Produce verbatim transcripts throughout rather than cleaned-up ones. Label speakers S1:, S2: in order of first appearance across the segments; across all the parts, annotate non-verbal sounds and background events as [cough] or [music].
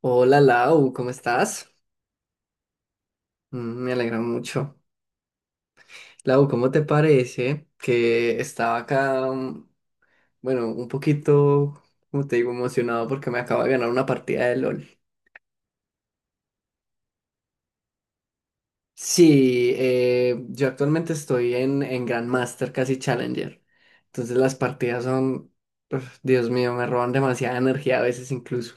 S1: Hola Lau, ¿cómo estás? Mm, me alegra mucho. Lau, ¿cómo te parece que estaba acá, mm, bueno, un poquito, como te digo, emocionado porque me acabo de ganar una partida de LOL? Sí, eh, yo actualmente estoy en, en Grandmaster, casi Challenger. Entonces las partidas son, uf, Dios mío, me roban demasiada energía a veces incluso.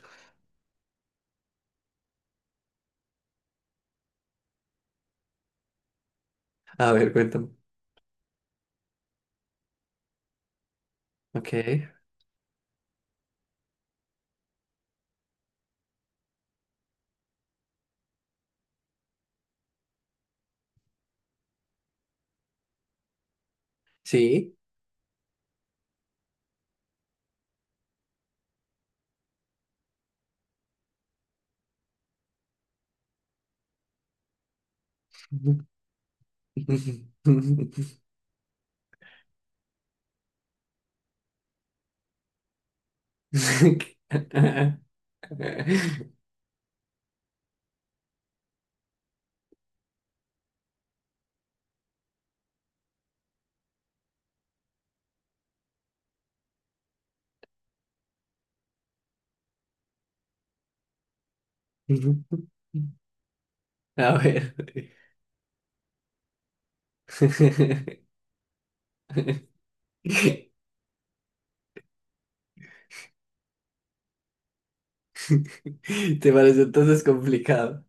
S1: A ver, cuéntame. Ok, sí. [laughs] [laughs] A ver. [laughs] ¿Te parece entonces complicado?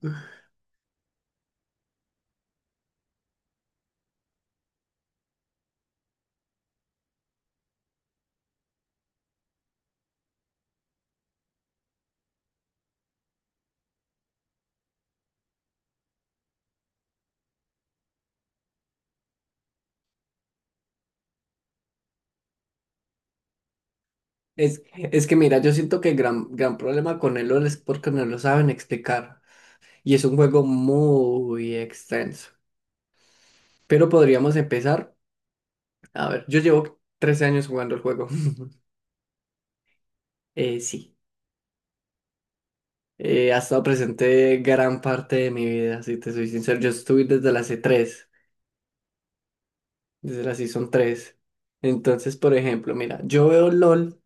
S1: Es, es que mira, yo siento que el gran, gran problema con el LoL es porque no lo saben explicar. Y es un juego muy extenso. Pero podríamos empezar. A ver, yo llevo trece años jugando el juego. [laughs] Eh, sí. Eh, ha estado presente gran parte de mi vida, si te soy sincero. Yo estuve desde la c tres. Desde la Season tres. Entonces, por ejemplo, mira, yo veo LOL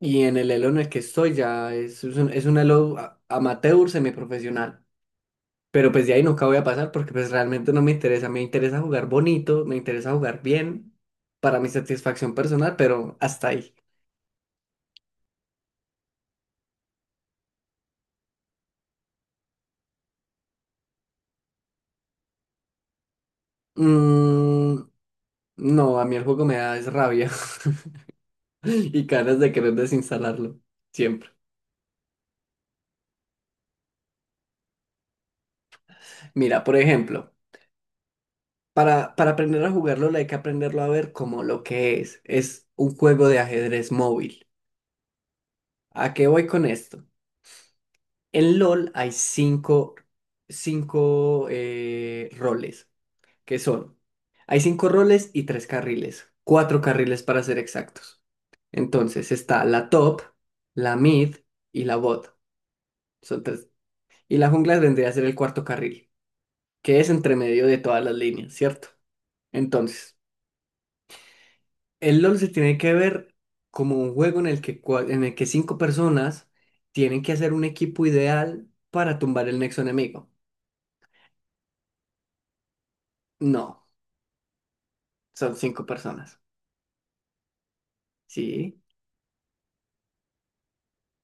S1: y en el elo en el que estoy ya es, es un, es un elo a- amateur semiprofesional. Pero pues de ahí nunca voy a pasar porque pues realmente no me interesa. Me interesa jugar bonito, me interesa jugar bien para mi satisfacción personal, pero hasta ahí. Mm, no, a mí el juego me da es rabia [laughs] y ganas de querer desinstalarlo. Siempre. Mira, por ejemplo. Para, para aprender a jugarlo hay que aprenderlo a ver como lo que es. Es un juego de ajedrez móvil. ¿A qué voy con esto? En LOL hay cinco, cinco eh, roles, que son, hay cinco roles y tres carriles, cuatro carriles para ser exactos. Entonces está la top, la mid y la bot. Son tres. Y la jungla vendría a ser el cuarto carril, que es entre medio de todas las líneas, ¿cierto? Entonces... El LOL se tiene que ver como un juego en el que, cua- en el que cinco personas tienen que hacer un equipo ideal para tumbar el nexo enemigo. No, son cinco personas. Sí,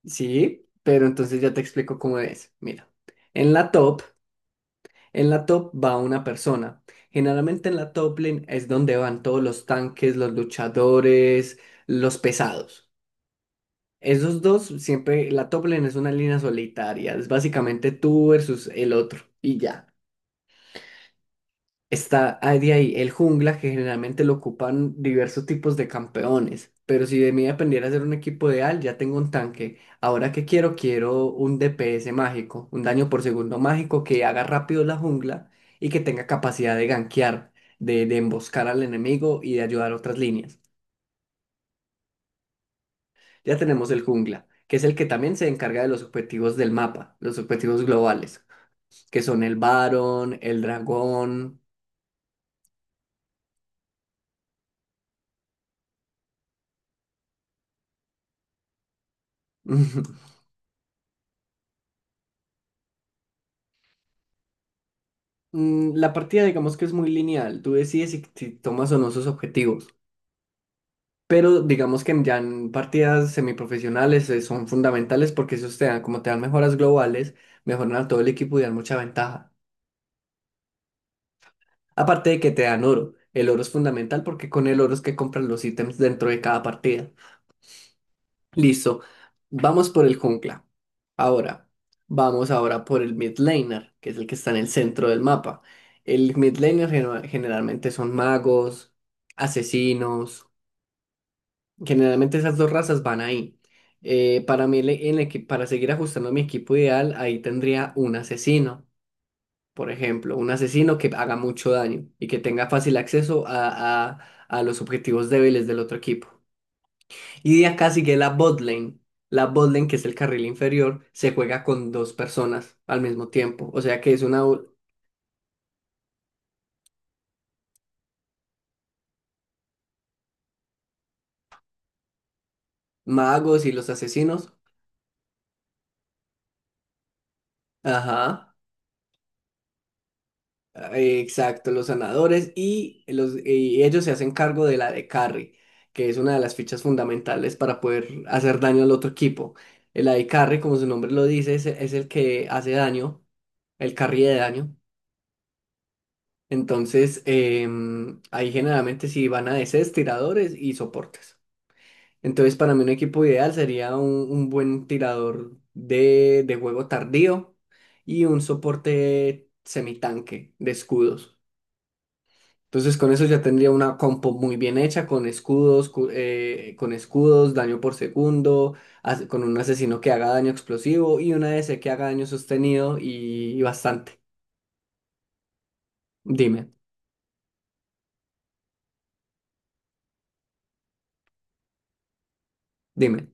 S1: sí, pero entonces ya te explico cómo es. Mira, en la top, en la top va una persona. Generalmente en la top lane es donde van todos los tanques, los luchadores, los pesados. Esos dos siempre, la top lane es una línea solitaria, es básicamente tú versus el otro y ya. Está ahí de ahí el jungla, que generalmente lo ocupan diversos tipos de campeones. Pero si de mí dependiera hacer un equipo ideal, ya tengo un tanque. Ahora que quiero, quiero un D P S mágico, un daño por segundo mágico que haga rápido la jungla y que tenga capacidad de gankear, de, de emboscar al enemigo y de ayudar a otras líneas. Ya tenemos el jungla, que es el que también se encarga de los objetivos del mapa, los objetivos globales, que son el Baron, el dragón. [laughs] Mm, la partida digamos que es muy lineal, tú decides si, si tomas o no sus objetivos, pero digamos que en- ya en partidas semiprofesionales eh, son fundamentales porque esos te dan, como te dan mejoras globales, mejoran a todo el equipo y dan mucha ventaja. Aparte de que te dan oro, el oro es fundamental porque con el oro es que compras los ítems dentro de cada partida. Listo. Vamos por el jungla. Ahora, vamos ahora por el mid laner, que es el que está en el centro del mapa. El mid laner genu- generalmente son magos, asesinos. Generalmente esas dos razas van ahí. Eh, para mí, el e- el equi- para seguir ajustando mi equipo ideal, ahí tendría un asesino, por ejemplo, un asesino que haga mucho daño y que tenga fácil acceso a, a a los objetivos débiles del otro equipo. Y diría casi que la bot lane, la bot lane, que es el carril inferior, se juega con dos personas al mismo tiempo. O sea que es una u- magos y los asesinos. Ajá. eh, Exacto, los sanadores y, los, y ellos se hacen cargo de la de carry, que es una de las fichas fundamentales para poder hacer daño al otro equipo. El de carry, como su nombre lo dice, es, es el que hace daño, el carry de daño. Entonces, em, ahí generalmente sí van a D Cs, tiradores y soportes. Entonces, para mí un equipo ideal sería un, un buen tirador de, de juego tardío y un soporte semitanque de escudos. Entonces, con eso ya tendría una compo muy bien hecha, con escudos, cu- eh, con escudos, daño por segundo, as- con un asesino que haga daño explosivo y una D C que haga daño sostenido y, y bastante. Dime, dime.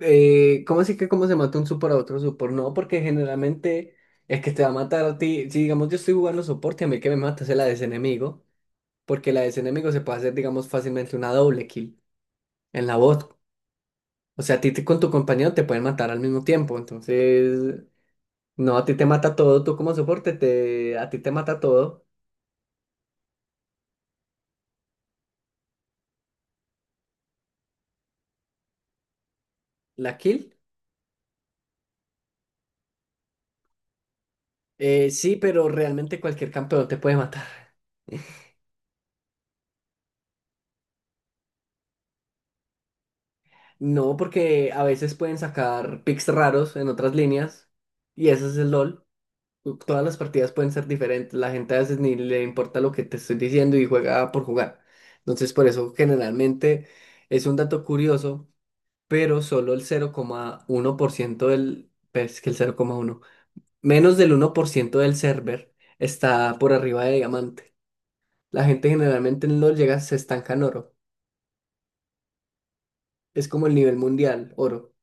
S1: Eh, ¿cómo así que cómo se mata un support a otro support? No, porque generalmente el que te va a matar a ti, si digamos yo estoy jugando soporte, a mí el que me mata es el A D C enemigo, porque el A D C enemigo se puede hacer, digamos, fácilmente una doble kill en la bot. O sea, a ti te- con tu compañero te pueden matar al mismo tiempo, entonces, no, a ti te mata todo, tú como soporte, te, a ti te mata todo la kill. Eh, sí, pero realmente cualquier campeón te puede matar. [laughs] No, porque a veces pueden sacar picks raros en otras líneas, y eso es el LOL. Todas las partidas pueden ser diferentes. La gente a veces ni le importa lo que te estoy diciendo y juega por jugar. Entonces, por eso generalmente es un dato curioso, pero solo el cero coma uno por ciento del, pues que el cero coma uno, menos del uno por ciento del server está por arriba de diamante. La gente generalmente no llega, se estanca en oro. Es como el nivel mundial, oro.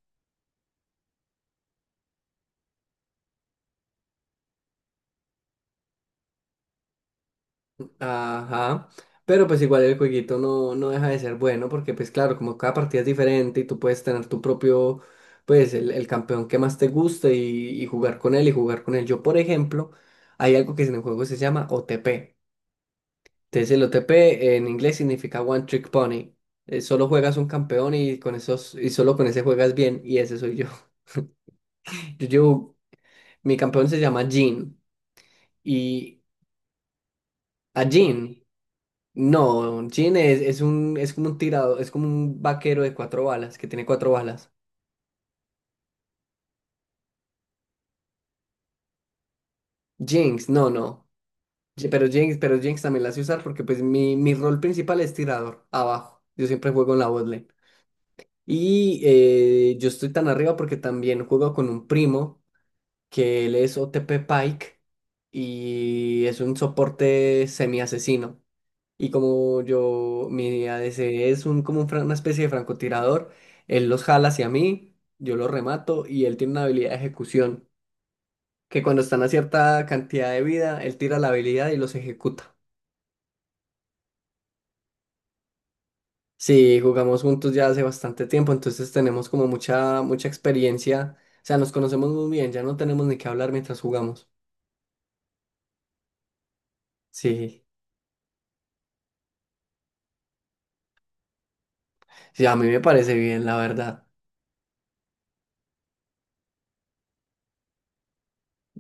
S1: Ajá. Pero pues igual el jueguito no, no deja de ser bueno porque pues claro, como cada partida es diferente y tú puedes tener tu propio, pues el, el campeón que más te guste y, y jugar con él y jugar con él. Yo, por ejemplo, hay algo que en el juego se llama O T P. Entonces el O T P en inglés significa One Trick Pony. Eh, solo juegas un campeón y con esos, y solo con ese juegas bien y ese soy yo. [laughs] Yo, yo, mi campeón se llama Jhin. Y a Jin. No, Jin es, es un, es como un tirado, es como un vaquero de cuatro balas, que tiene cuatro balas. Jinx, no, no. Ye- Pero Jinx, pero Jinx también la sé usar porque pues mi, mi rol principal es tirador, abajo. Yo siempre juego en la botlane. Y eh, yo estoy tan arriba porque también juego con un primo que él es O T P Pike y es un soporte semi-asesino. Y como yo, mi A D C es un, como un fran- una especie de francotirador, él los jala hacia mí, yo los remato y él tiene una habilidad de ejecución, que cuando están a cierta cantidad de vida, él tira la habilidad y los ejecuta. Sí, jugamos juntos ya hace bastante tiempo, entonces tenemos como mucha, mucha experiencia, o sea, nos conocemos muy bien, ya no tenemos ni que hablar mientras jugamos. Sí, sí, a mí me parece bien, la verdad.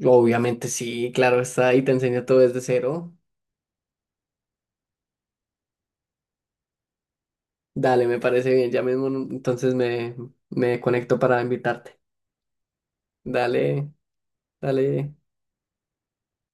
S1: Obviamente sí, claro está, y te enseña todo desde cero. Dale, me parece bien. Ya mismo entonces me, me conecto para invitarte. Dale, dale.